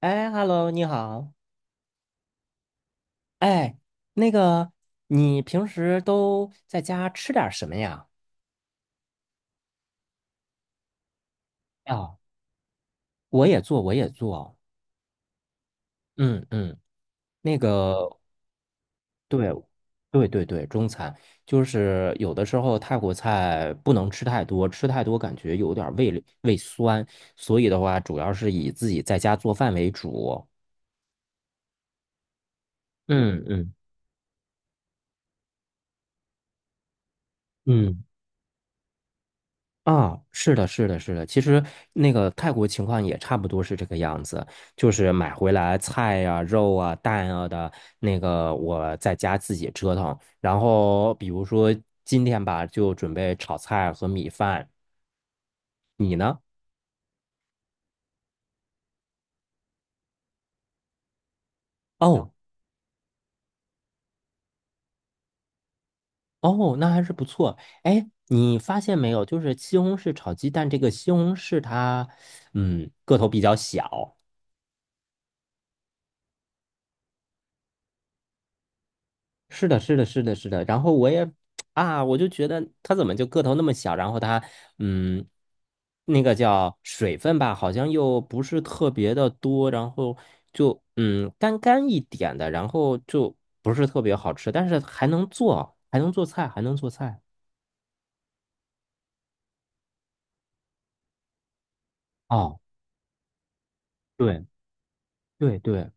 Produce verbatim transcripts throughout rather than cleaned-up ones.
哎，Hello，你好。哎，那个，你平时都在家吃点儿什么呀？啊，我也做，我也做。嗯嗯，那个，对，对对对，中餐就是有的时候泰国菜不能吃太多，吃太多感觉有点儿胃里胃酸，所以的话，主要是以自己在家做饭为主。嗯嗯嗯。啊，是的，是的，是的。其实那个泰国情况也差不多是这个样子，就是买回来菜呀、肉啊、蛋啊的，那个我在家自己折腾。然后比如说今天吧，就准备炒菜和米饭。你呢？哦哦，那还是不错。哎，你发现没有，就是西红柿炒鸡蛋这个西红柿它，嗯，个头比较小，是的，是的，是的，是的。然后我也 啊，我就觉得它怎么就个头那么小？然后它，嗯，那个叫水分吧，好像又不是特别的多，然后就嗯干干一点的，然后就不是特别好吃，但是还能做，还能做菜，还能做菜。哦，对对对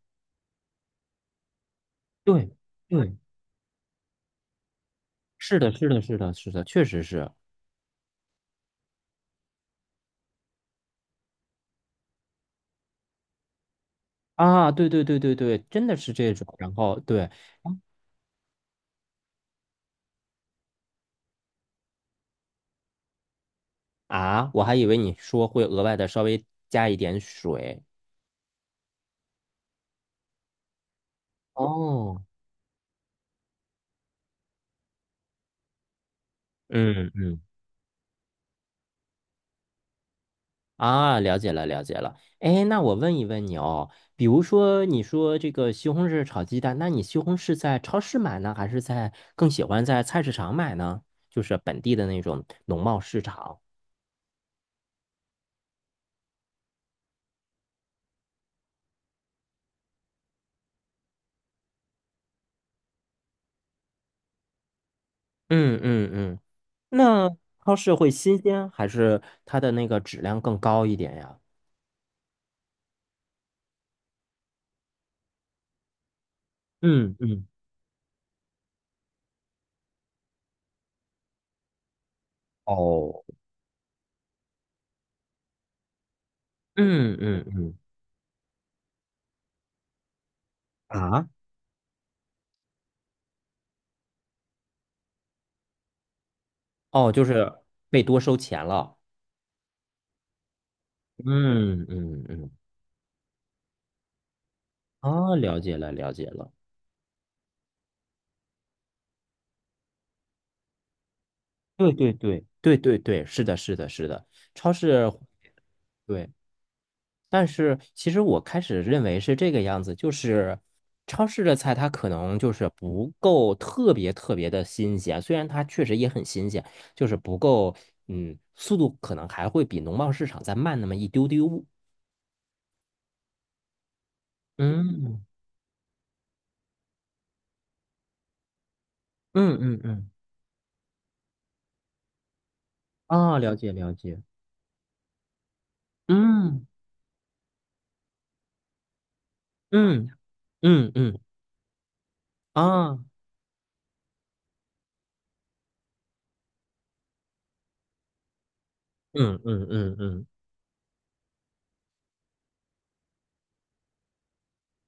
对对，是的，是的，是的，是的，确实是啊，对对对对对，真的是这种。然后对。啊，我还以为你说会额外的稍微加一点水。哦，嗯嗯，啊，了解了了解了。哎，那我问一问你哦，比如说你说这个西红柿炒鸡蛋，那你西红柿在超市买呢，还是在更喜欢在菜市场买呢？就是本地的那种农贸市场。嗯嗯嗯，那超市会新鲜，还是它的那个质量更高一点呀？嗯嗯，哦，嗯嗯嗯，啊？哦，就是被多收钱了。嗯嗯嗯，啊，了解了，了解了。对对对对对对，是的，是的，是的，超市，对。但是其实我开始认为是这个样子，就是超市的菜它可能就是不够特别特别的新鲜，虽然它确实也很新鲜，就是不够，嗯，速度可能还会比农贸市场再慢那么一丢丢。嗯嗯嗯嗯，啊，了解了解。嗯嗯。嗯嗯啊，嗯嗯嗯嗯，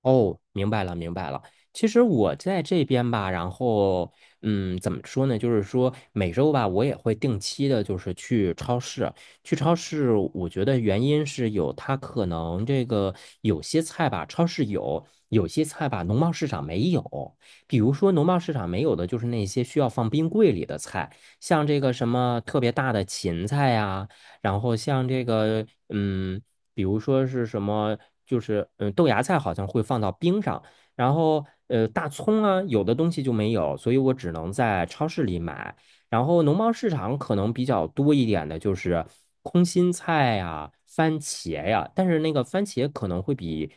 哦，明白了明白了。其实我在这边吧，然后嗯，怎么说呢？就是说每周吧，我也会定期的，就是去超市。去超市，我觉得原因是有它可能这个有些菜吧，超市有；有些菜吧，农贸市场没有。比如说农贸市场没有的，就是那些需要放冰柜里的菜，像这个什么特别大的芹菜呀。然后像这个，嗯，比如说是什么，就是嗯，豆芽菜好像会放到冰上，然后呃，大葱啊，有的东西就没有，所以我只能在超市里买。然后农贸市场可能比较多一点的就是空心菜呀、番茄呀，但是那个番茄可能会比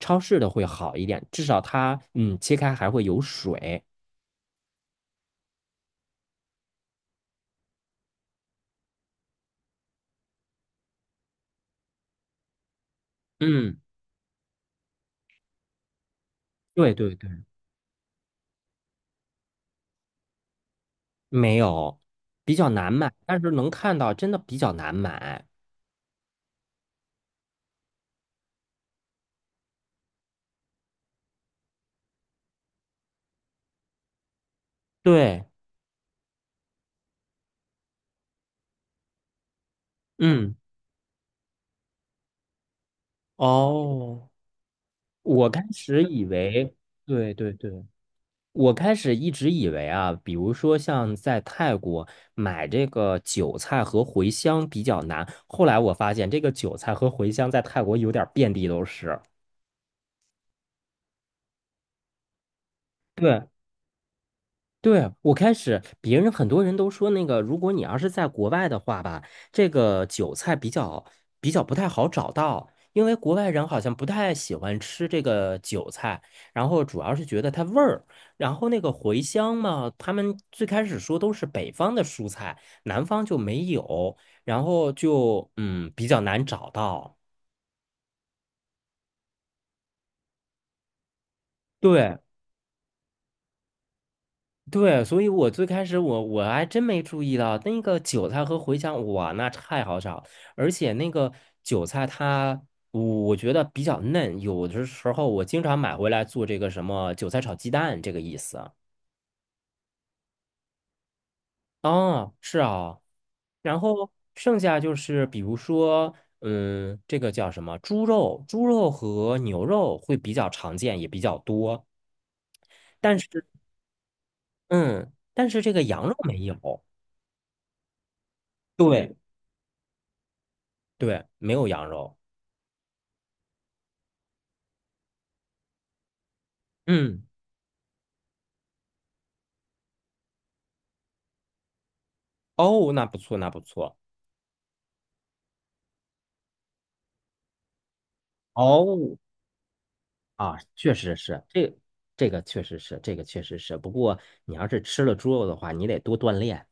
超市的会好一点，至少它嗯切开还会有水。嗯，对对对，没有，比较难买，但是能看到真的比较难买。对，嗯，哦。我开始以为，对对对，我开始一直以为啊，比如说像在泰国买这个韭菜和茴香比较难，后来我发现这个韭菜和茴香在泰国有点儿遍地都是。对。对，我开始，别人很多人都说那个，如果你要是在国外的话吧，这个韭菜比较比较不太好找到，因为国外人好像不太喜欢吃这个韭菜，然后主要是觉得它味儿，然后那个茴香嘛，他们最开始说都是北方的蔬菜，南方就没有，然后就嗯比较难找到。对。对，所以我最开始我我还真没注意到那个韭菜和茴香，哇，那太好炒，而且那个韭菜它，我我觉得比较嫩，有的时候我经常买回来做这个什么韭菜炒鸡蛋这个意思。啊，是啊，然后剩下就是比如说，嗯，这个叫什么猪肉，猪肉和牛肉会比较常见，也比较多，但是嗯，但是这个羊肉没有，对对，没有羊肉。嗯，哦，那不错，那不错。哦，啊，确实是，这这个确实是，这个确实是。不过你要是吃了猪肉的话，你得多锻炼。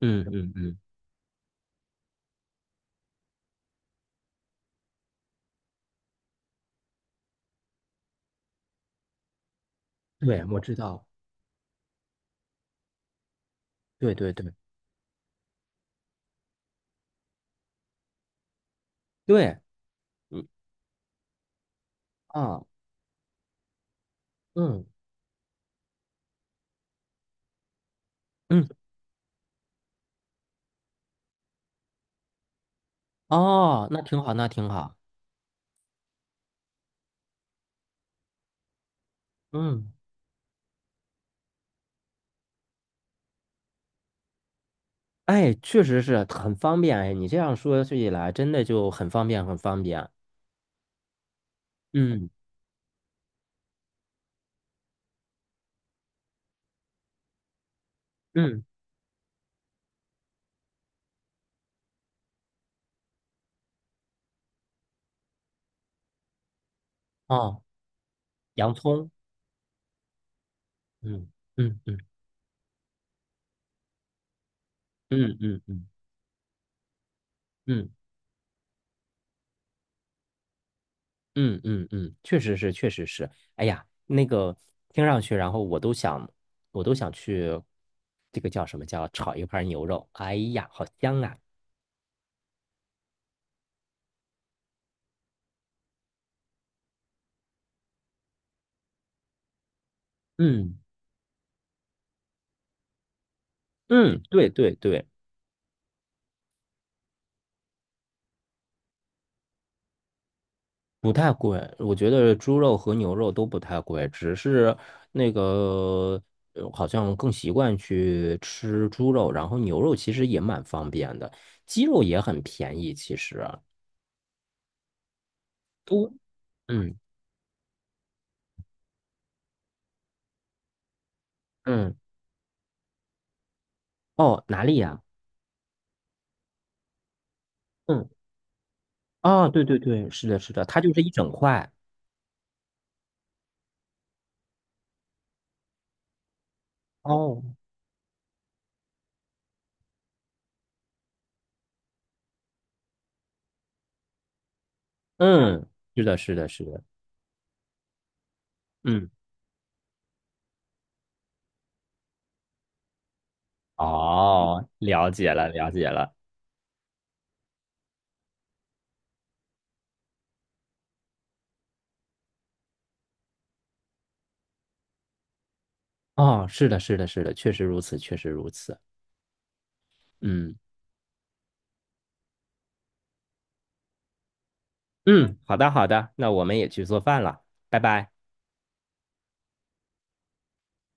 嗯嗯嗯，对，我知道。对对对对，嗯啊，嗯嗯，哦，那挺好，那挺好。嗯，哎，确实是很方便。哎，你这样说起来，真的就很方便，很方便。嗯嗯，哦，洋葱。嗯嗯嗯嗯嗯嗯嗯。嗯嗯嗯，确实是，确实是。哎呀，那个听上去，然后我都想，我都想去，这个叫什么叫炒一盘牛肉？哎呀，好香啊！嗯嗯，对对对，不太贵，我觉得猪肉和牛肉都不太贵，只是那个呃好像更习惯去吃猪肉，然后牛肉其实也蛮方便的，鸡肉也很便宜，其实都嗯嗯哦，哪里呀？嗯。啊，对对对，是的，是的，它就是一整块。哦，嗯，是的，是的，是的，嗯，哦，了解了，了解了。哦，是的，是的，是的，确实如此，确实如此。嗯嗯，好的，好的，那我们也去做饭了，拜拜。